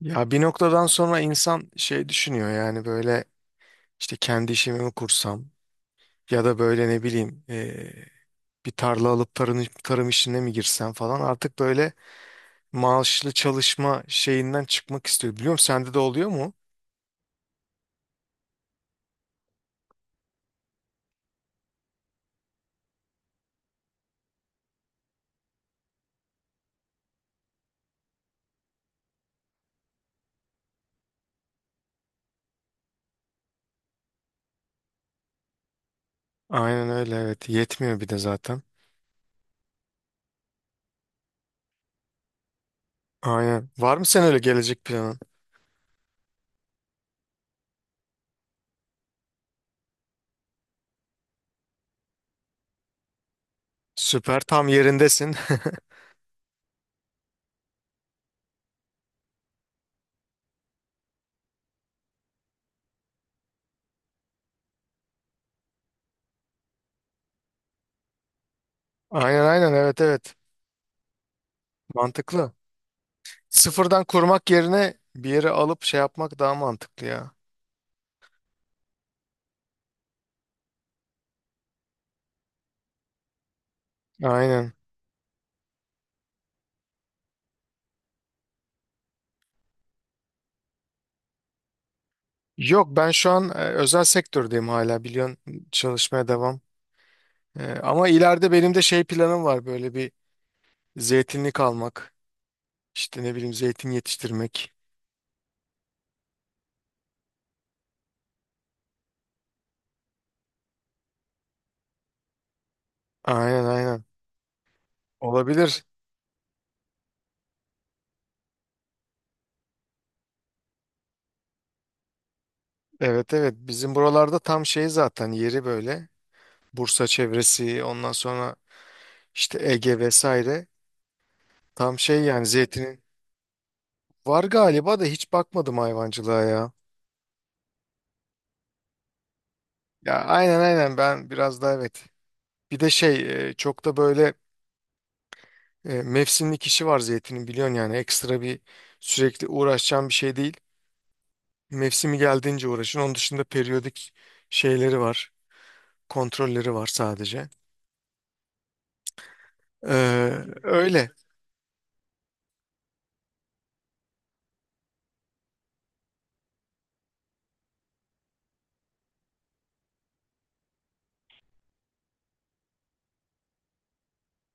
Ya bir noktadan sonra insan şey düşünüyor yani böyle işte kendi işimi mi kursam ya da böyle ne bileyim bir tarla alıp tarım işine mi girsem falan artık böyle maaşlı çalışma şeyinden çıkmak istiyor. Biliyor musun? Sende de oluyor mu? Aynen öyle, evet, yetmiyor bir de zaten. Aynen. Var mı sen öyle gelecek planın? Süper, tam yerindesin. Aynen aynen, evet evet, mantıklı. Sıfırdan kurmak yerine bir yere alıp şey yapmak daha mantıklı ya. Aynen. Yok, ben şu an özel sektördeyim, hala biliyorsun, çalışmaya devam. Ama ileride benim de şey planım var, böyle bir zeytinlik almak. İşte ne bileyim, zeytin yetiştirmek. Aynen aynen. Olabilir. Evet evet, bizim buralarda tam şey zaten yeri böyle. Bursa çevresi, ondan sonra işte Ege vesaire. Tam şey yani zeytinin. Var galiba da hiç bakmadım hayvancılığa ya. Ya aynen aynen, ben biraz daha evet. Bir de şey, çok da böyle, mevsimlik işi var zeytinin, biliyorsun, yani ekstra bir sürekli uğraşacağın bir şey değil. Mevsimi geldiğince uğraşın. Onun dışında periyodik şeyleri var. Kontrolleri var sadece. Ee, öyle.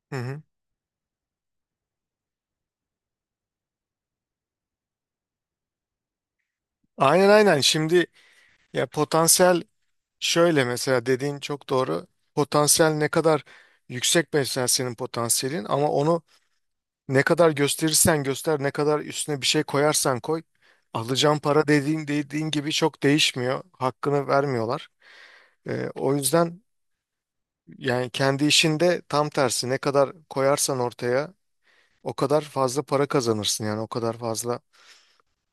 Hı hı. Aynen aynen. Şimdi ya potansiyel, şöyle mesela, dediğin çok doğru. Potansiyel ne kadar yüksek mesela senin potansiyelin, ama onu ne kadar gösterirsen göster, ne kadar üstüne bir şey koyarsan koy, alacağın para dediğin gibi çok değişmiyor. Hakkını vermiyorlar. O yüzden yani kendi işinde tam tersi, ne kadar koyarsan ortaya o kadar fazla para kazanırsın, yani o kadar fazla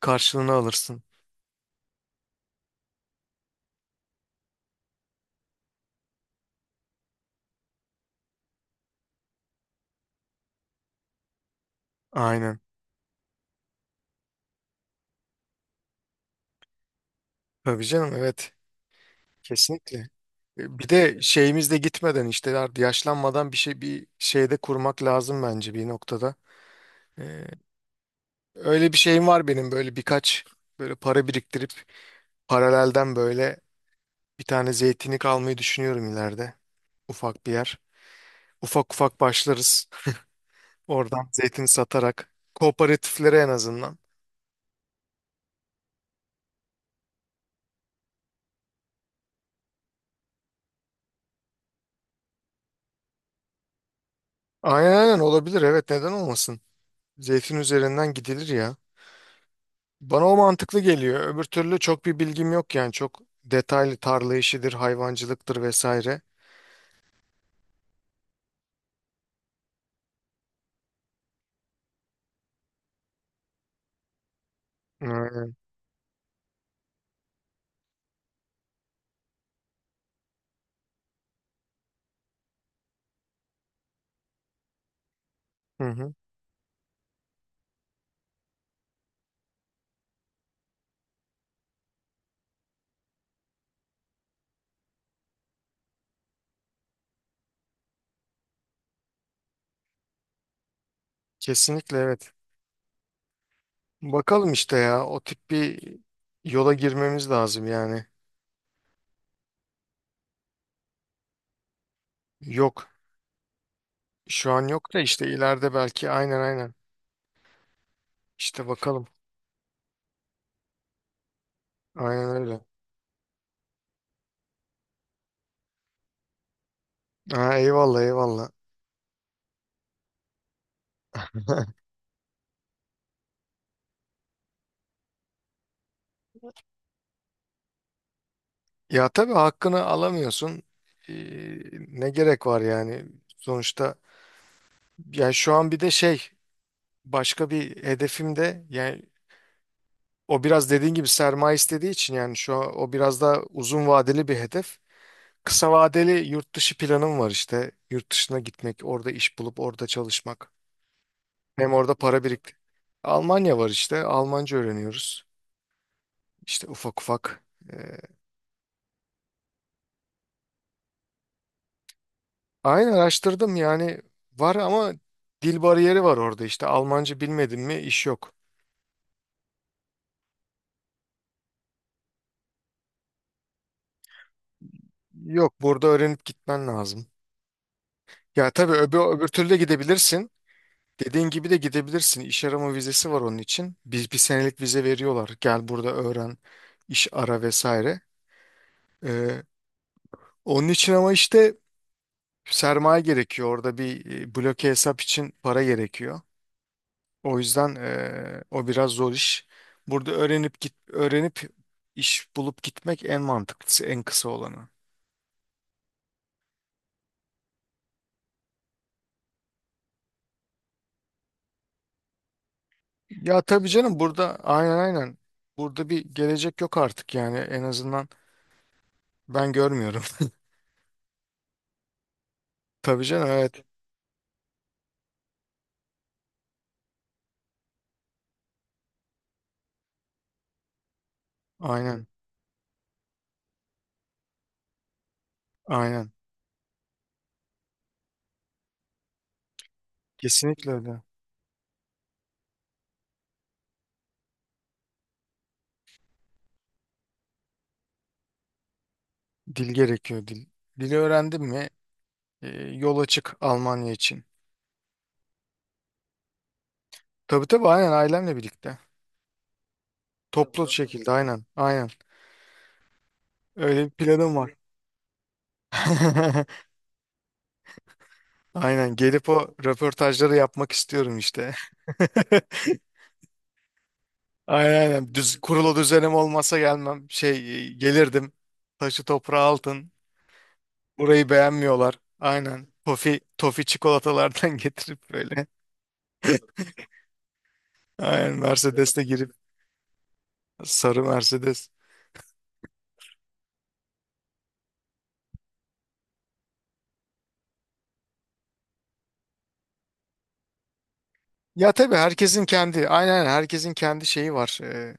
karşılığını alırsın. Aynen. Tabii canım, evet, kesinlikle. Bir de şeyimiz de gitmeden, işte artık yaşlanmadan bir şey, bir şeyde kurmak lazım bence bir noktada. Ee, öyle bir şeyim var benim, böyle birkaç böyle para biriktirip, paralelden böyle bir tane zeytinlik almayı düşünüyorum ileride. Ufak bir yer. Ufak ufak başlarız. Oradan zeytin satarak. Kooperatiflere en azından. Aynen aynen, olabilir, evet, neden olmasın. Zeytin üzerinden gidilir ya. Bana o mantıklı geliyor. Öbür türlü çok bir bilgim yok yani. Çok detaylı, tarla işidir, hayvancılıktır vesaire. Ee, Hı hı. Kesinlikle evet. Bakalım işte, ya o tip bir yola girmemiz lazım yani. Yok. Şu an yok da işte ileride belki, aynen aynen. İşte bakalım. Aynen öyle. Ha, eyvallah eyvallah. Ya tabii, hakkını alamıyorsun. Ee, ne gerek var yani? Sonuçta yani şu an bir de şey, başka bir hedefim de yani, o biraz dediğin gibi sermaye istediği için, yani şu an o biraz daha uzun vadeli bir hedef. Kısa vadeli yurt dışı planım var işte. Yurt dışına gitmek, orada iş bulup orada çalışmak. Hem orada para birikti. Almanya var işte. Almanca öğreniyoruz. İşte ufak ufak. e, Aynen, araştırdım yani, var ama dil bariyeri var orada, işte Almanca bilmedin mi iş yok. Yok, burada öğrenip gitmen lazım. Ya tabii, öbür türlü de gidebilirsin. Dediğin gibi de gidebilirsin. İş arama vizesi var onun için. Biz bir senelik vize veriyorlar. Gel burada öğren, iş ara vesaire. Ee, onun için, ama işte sermaye gerekiyor. Orada bir bloke hesap için para gerekiyor. O yüzden o biraz zor iş. Burada öğrenip git, öğrenip iş bulup gitmek en mantıklısı, en kısa olanı. Ya tabii canım, burada aynen aynen. Burada bir gelecek yok artık yani, en azından ben görmüyorum. Tabii canım, evet. Aynen. Aynen. Kesinlikle öyle. Dil gerekiyor, dil. Dili öğrendim mi e, yol açık Almanya için. Tabii tabii, aynen, ailemle birlikte. Toplu şekilde, aynen. Aynen. Öyle bir planım var. Aynen, gelip o röportajları yapmak istiyorum işte. Aynen aynen. Düz, kurulu düzenim olmasa gelmem. Şey gelirdim. Taşı toprağı altın. Burayı beğenmiyorlar. Aynen. Tofi çikolatalardan getirip böyle. Aynen, Mercedes'le girip sarı Mercedes. Ya tabii, herkesin kendi, aynen aynen, herkesin kendi şeyi var.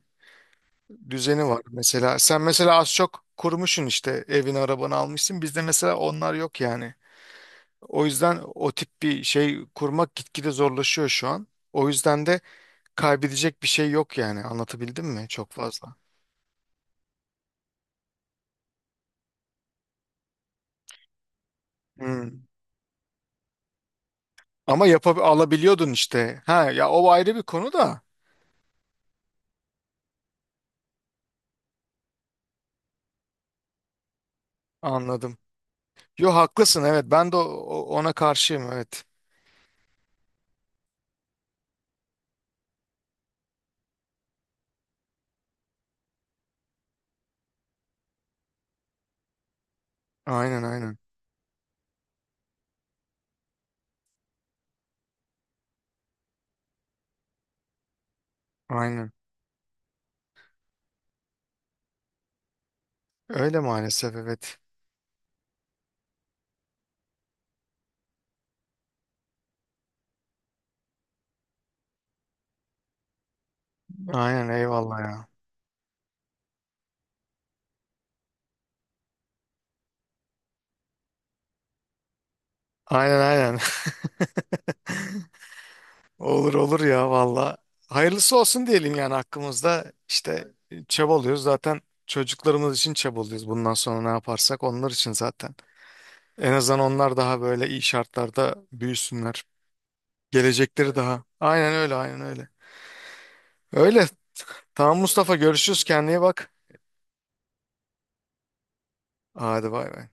Düzeni var. Mesela sen mesela az çok kurmuşsun, işte evini arabanı almışsın. Bizde mesela onlar yok yani. O yüzden o tip bir şey kurmak gitgide zorlaşıyor şu an. O yüzden de kaybedecek bir şey yok yani. Anlatabildim mi? Çok fazla. Hmm. Ama alabiliyordun işte. Ha ya, o ayrı bir konu da. Anladım. Yo, haklısın evet. Ben de ona karşıyım, evet. Aynen aynen. Aynen. Öyle maalesef, evet. Aynen, eyvallah ya. Aynen aynen. Olur olur ya valla. Hayırlısı olsun diyelim yani hakkımızda, işte çabalıyoruz. Zaten çocuklarımız için çabalıyoruz. Bundan sonra ne yaparsak onlar için zaten. En azından onlar daha böyle iyi şartlarda büyüsünler. Gelecekleri evet, daha. Aynen öyle, aynen öyle. Öyle. Tamam Mustafa, görüşürüz, kendine iyi bak. Hadi bay bay.